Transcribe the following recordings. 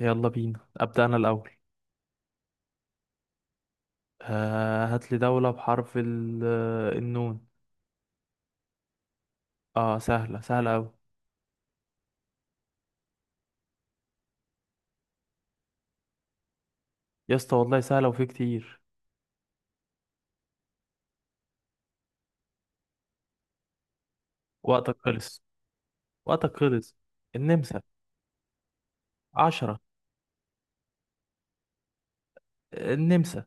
يلا بينا أبدأ أنا الأول. هات لي دولة بحرف النون. اه سهلة سهلة أوي يا اسطى، والله سهلة وفي كتير. وقتك خلص. وقتك خلص. النمسا. 10. النمسا.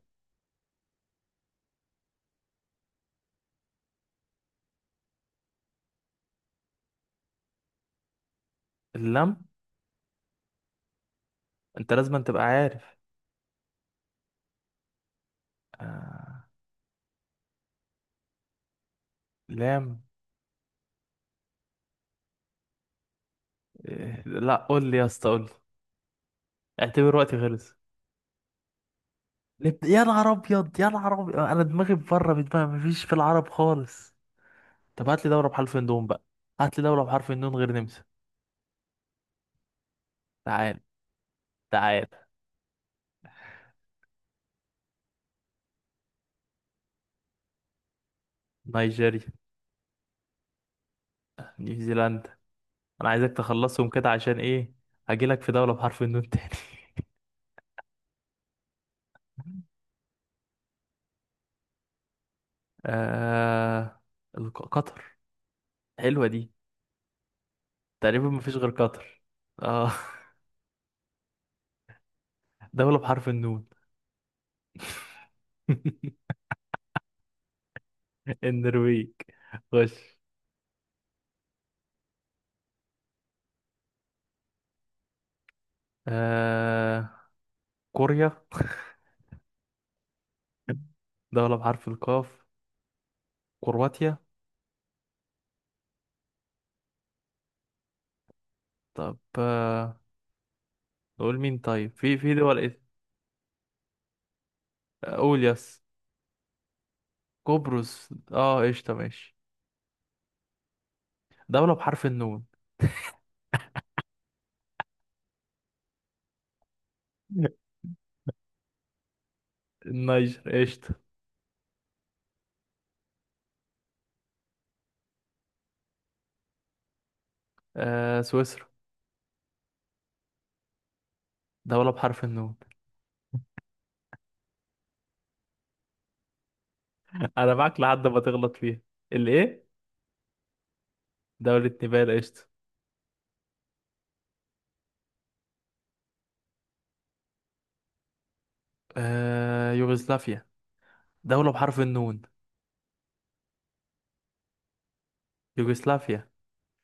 اللم. انت لازم تبقى عارف. آه لام. إيه. لا قول لي يا اسطى، قول لي. اعتبر وقتي خلص. يا نهار ابيض، يا نهار ابيض، انا دماغي بره من دماغي، مفيش في العرب خالص. طب هات لي دولة بحرف النون بقى. هات لي دولة بحرف النون غير نمسا. تعال تعال. نيجيريا. نيوزيلندا. انا عايزك تخلصهم كده عشان ايه؟ هجيلك في دولة بحرف النون تاني. آه... قطر. حلوة دي. تقريبا مفيش غير قطر. اه. دولة بحرف النون. النرويج. خش. آه... كوريا. دولة بحرف القاف. كرواتيا. طب نقول مين طيب، في دول ايه. قول يس. قبرص، اه، قشطة ماشي. دولة بحرف النون. النيجر قشطة. سويسرا. دولة بحرف النون. أنا معاك لحد ما تغلط فيها. الإيه؟ دولة نيبال قشطة. يوغوسلافيا. دولة بحرف النون. يوغوسلافيا.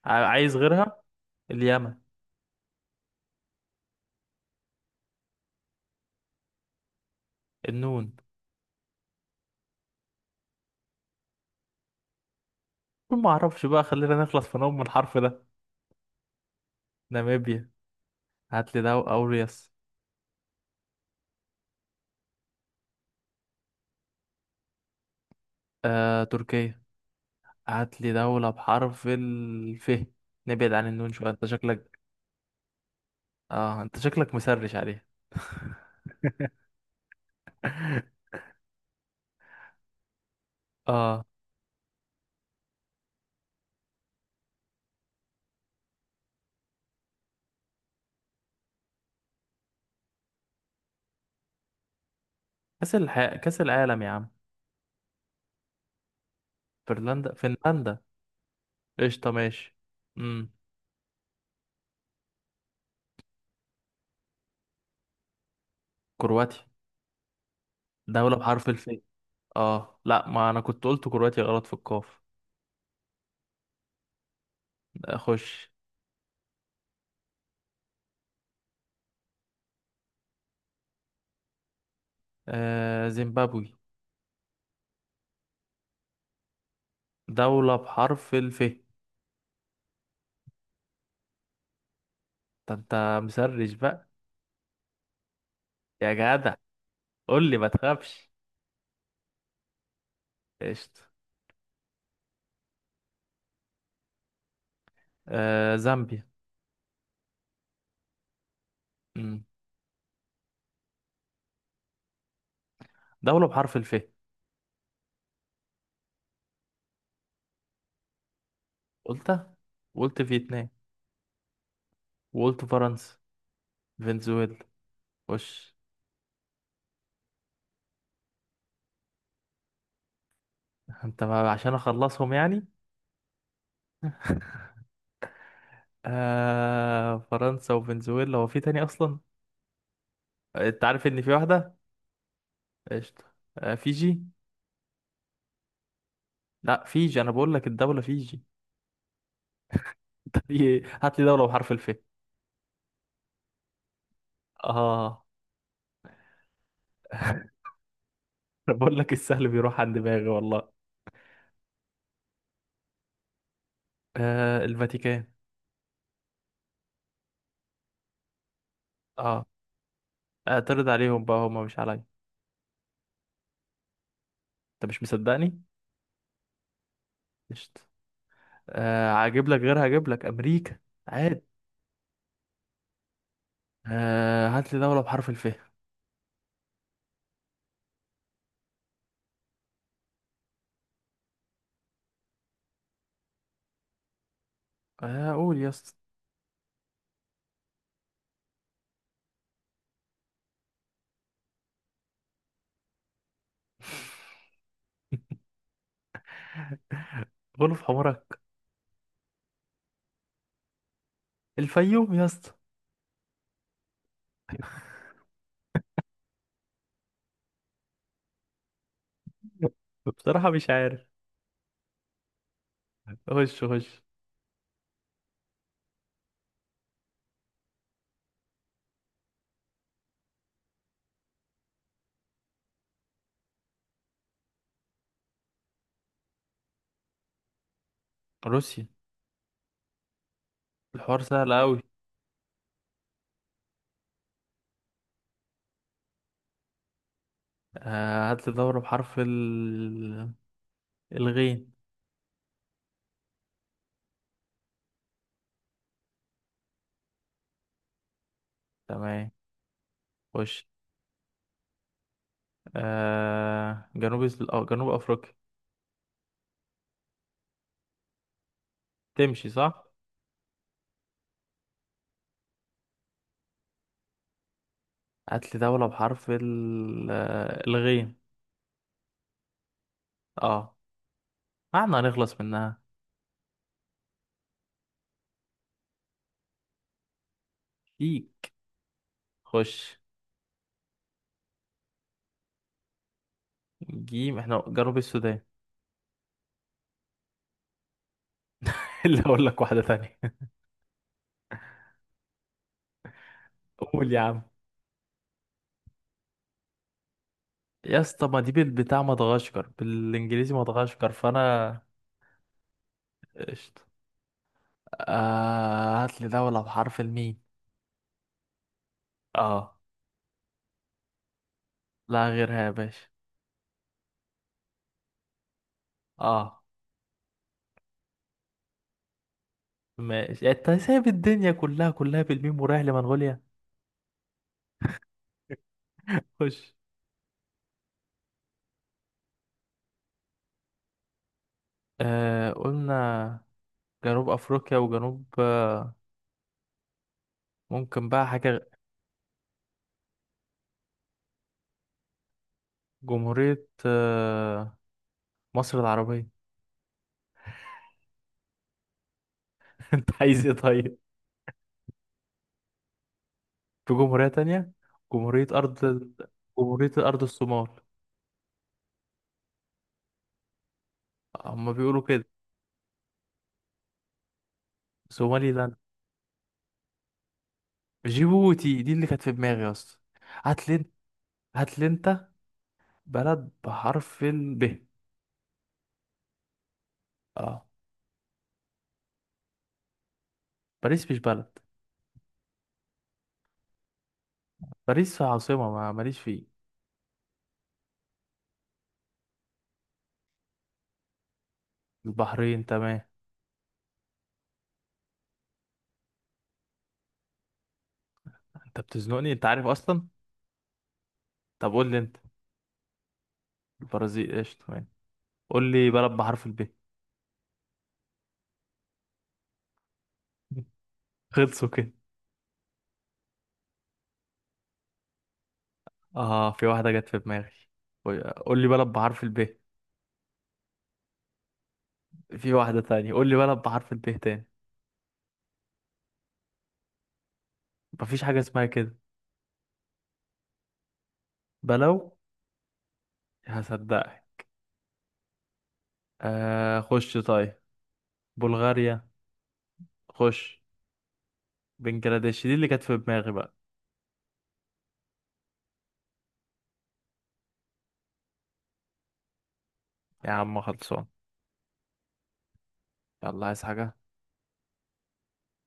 عايز غيرها؟ اليمن. النون. كل ما أعرفش بقى، خلينا نخلص في نوم من الحرف ده. ناميبيا. هات لي دولة أوريوس. تركيا. هات لي دولة بحرف الف. نبعد عن النون شوية، أنت شكلك. أنت شكلك مسرش عليها. آه كأس العالم يا عم. فنلندا. فنلندا. قشطة ماشي. امم كرواتيا. دولة بحرف الف. اه لا، ما انا كنت قلت كرواتيا غلط في القاف. اخش. زيمبابوي. دولة بحرف الف. ده انت مسرش بقى. يا جدع، قول لي ما تخافش. قشطة. زامبيا. امم دولة بحرف الف. قلتها. وقلت فيتنام. وقلت فرنسا. فنزويلا. وش. انت، ما عشان اخلصهم يعني. فرنسا وفنزويلا، هو في تاني اصلا؟ انت عارف ان في واحده. قشطه. آه، فيجي. لا، فيجي، انا بقول لك الدوله فيجي. طب إيه؟ هات لي دوله بحرف الف. اه. انا بقول لك السهل بيروح عن دماغي والله. الفاتيكان. اه. اعترض عليهم بقى، هما مش عليا. انت مش مصدقني. قشطه. هجيب لك غيرها، هجيب لك امريكا. عاد. هات لي دوله بحرف الف. قول يا اسطى. غلف حمرك. الفيوم يا اسطى. بصراحه مش عارف. خش خش. روسيا. الحوار سهل أوي. هات لي دولة بحرف الغين. تمام خش. أو جنوب أفريقيا. تمشي صح؟ هات لي دولة بحرف ال... آه، الغين. اه. احنا هنخلص منها. فيك خش. جيم، احنا جنوب السودان. اللي أقول لك واحدة تانية. قول يا عم. يا اسطى، ما دي بتاع مدغشقر، بالإنجليزي مدغشقر، فأنا. قشطة. هات لي دولة بحرف الميم. اه. لا غيرها يا باشا. اه. ماشي، يعني انت سايب الدنيا كلها كلها بالميم ورايح لمنغوليا. خش. قلنا جنوب افريقيا وجنوب. ممكن بقى حاجة. جمهورية مصر العربية. انت عايز ايه طيب. في جمهورية تانية. جمهورية ارض. جمهورية ارض الصومال. هما بيقولوا كده. صومالي لاند. جيبوتي، دي اللي كانت في دماغي يا اسطى. هات لي انت. هات لي انت بلد بحرف ال ب. اه. باريس مش بلد. باريس عاصمة، ما ماليش فيه. البحرين تمام. انت بتزنقني، انت عارف اصلا. طب قول لي انت. البرازيل ايش تمام. قول لي بلد بحرف الب. خلصوا كده. اه في واحدة جت في دماغي. قول، قول لي بلد بحرف الب. في واحدة تانية، قول لي بلد بحرف الب تاني. مفيش حاجة اسمها كده. بلو. هصدقك. آه خش طيب. بلغاريا. خش. بنجلاديش دي اللي كانت في دماغي بقى. يا عم خلصان. يلا عايز حاجة.